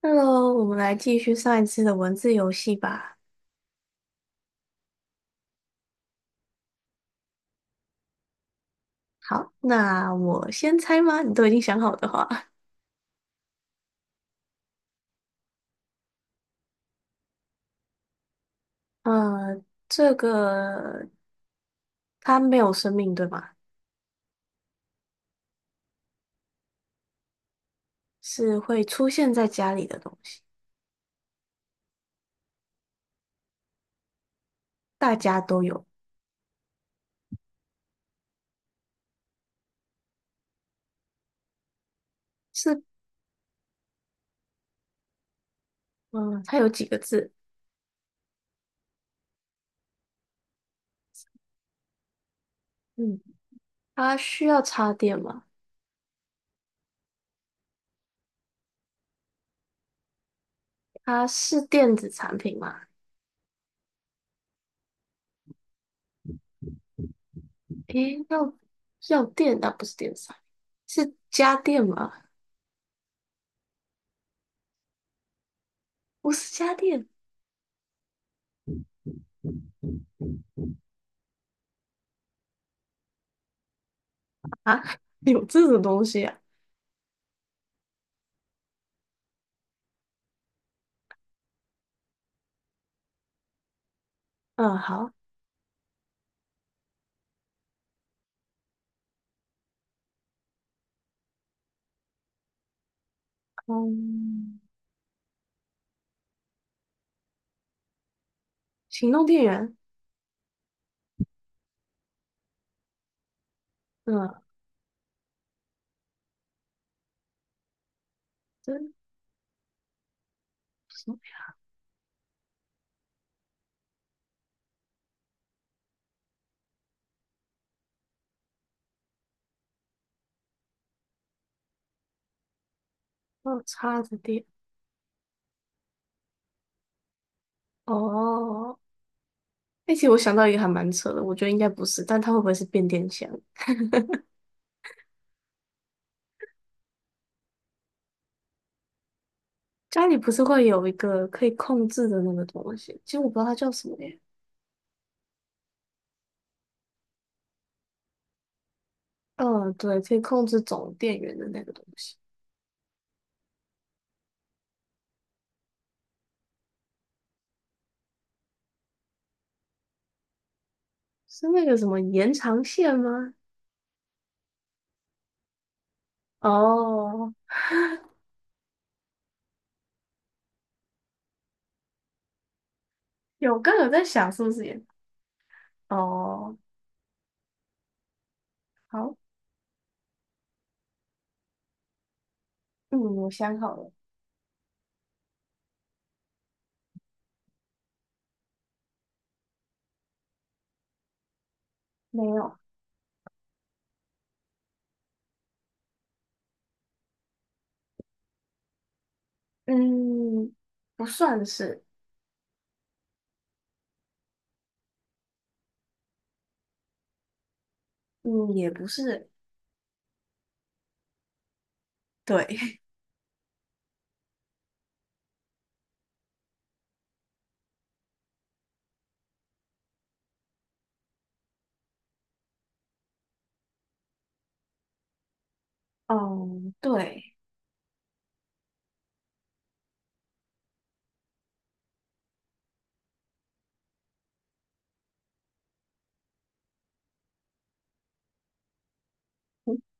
Hello，我们来继续上一次的文字游戏吧。好，那我先猜吗？你都已经想好的话，呃，这个它没有生命，对吗？是会出现在家里的东西，大家都有。是，嗯，它有几个字？嗯，它需要插电吗？它是电子产品吗？诶，要电那不是电子产品，是家电吗？不是家电啊，有这种东西啊？嗯，好，嗯。行动电源，嗯，真什么？嗯，插着电。哦，哎，其实我想到一个还蛮扯的，我觉得应该不是，但它会不会是变电箱？家里不是会有一个可以控制的那个东西？其实我不知道它叫什么耶。嗯，对，可以控制总电源的那个东西，是那个什么延长线吗？哦，有，刚有在想是不是延？哦，好，嗯，我想好了，没有，嗯，不算是，嗯，也不是，对。哦，对，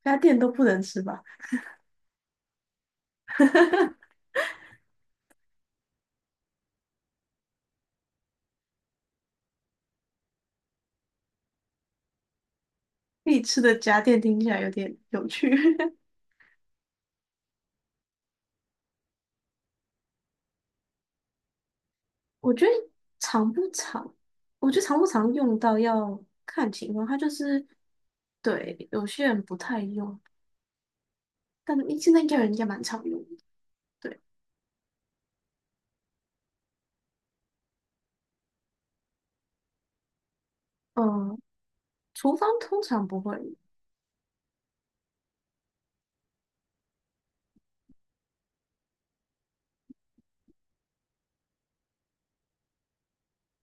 家电都不能吃吧？必吃的家电听起来有点有趣。我觉得常不常，我觉得常不常用到要看情况，它就是对有些人不太用，但现在应该有人应该蛮常用的对，嗯，厨房通常不会，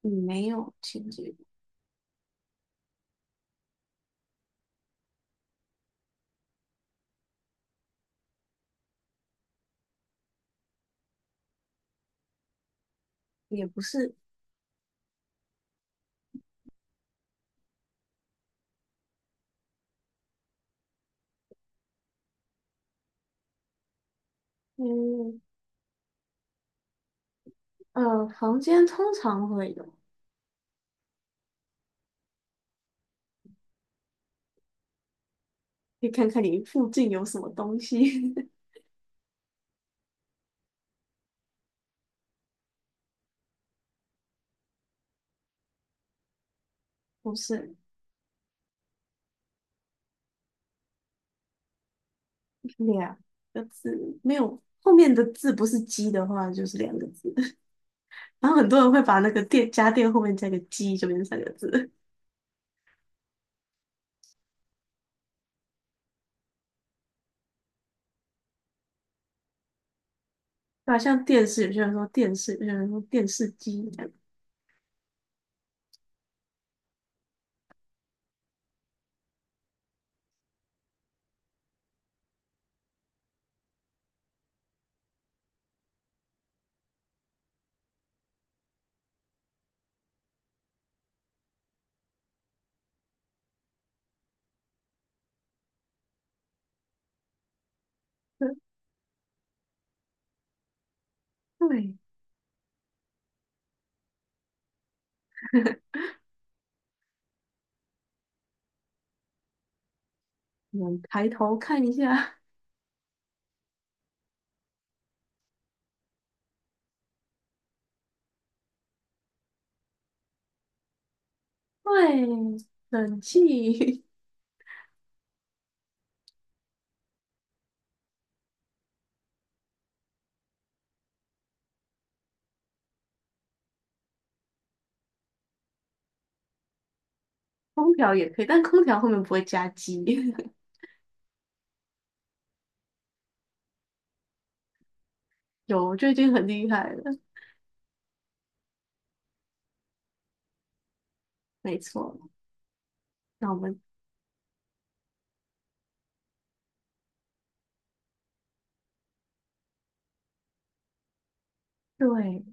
嗯，没有清洁，也不是，嗯，房间通常会有，可以看看你附近有什么东西，不是。两个字没有，后面的字不是鸡的话，就是两个字。然后很多人会把那个电家电后面加个鸡，就变成三个字。对吧？像电视，有些人说电视，有些人说电视机这样。对，对，我们抬头看一下，对，冷气、空调也可以，但空调后面不会加鸡。有，就已经很厉害了。没错，那我们对，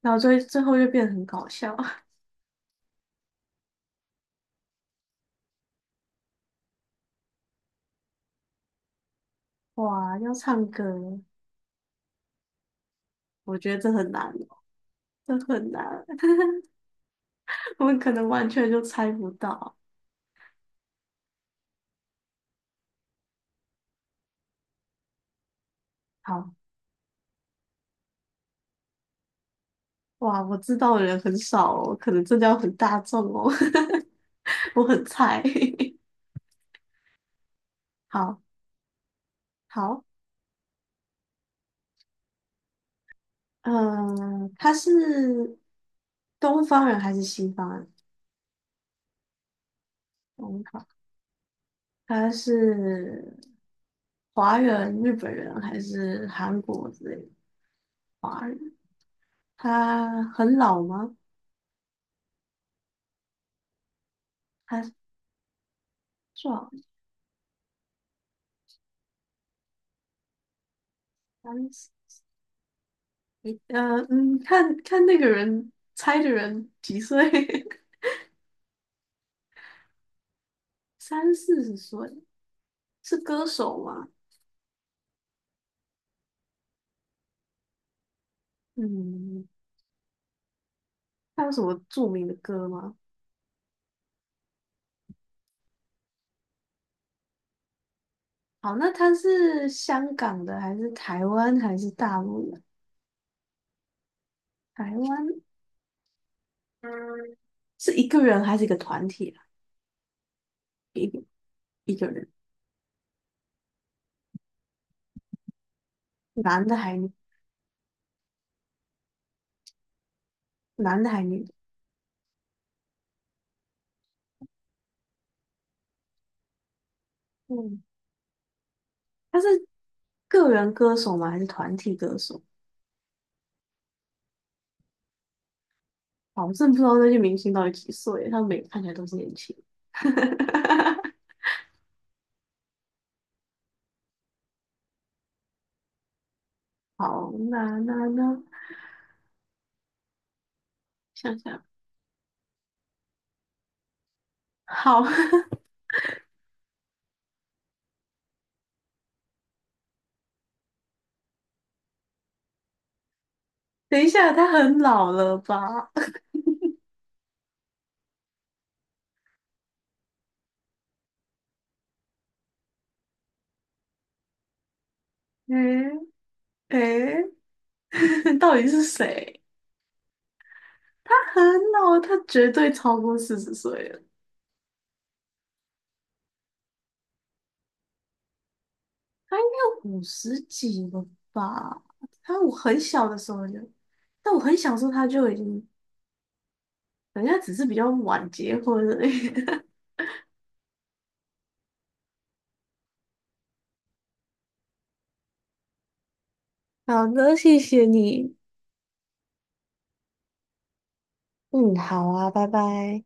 然后最后就变得很搞笑。哇，要唱歌，我觉得这很难。这很难，我们可能完全就猜不到。好，哇，我知道的人很少哦，可能真的要很大众哦，我很菜。好，好，嗯、他是东方人还是西方人？东方，他是华人、日本人还是韩国之类的华人？他很老吗？他壮，30，呃，嗯，看看那个人猜的人几岁？三四十岁是歌手吗？嗯，他有什么著名的歌吗？好，那他是香港的还是台湾还是大陆的？台湾，嗯，是一个人还是一个团体啊？一个一个人，男的还女男的还女的？嗯，他是个人歌手吗？还是团体歌手？好，我真的不知道那些明星到底几岁，他们每个看起来都是年轻。好，那，想想，好，等一下，他很老了吧？诶诶，到底是谁？他很老，他绝对超过四十岁了，他应该50几了吧？他我很小的时候就，但我很小的时候他就已经，人家只是比较晚结婚而已。好的，谢谢你。嗯，好啊，拜拜。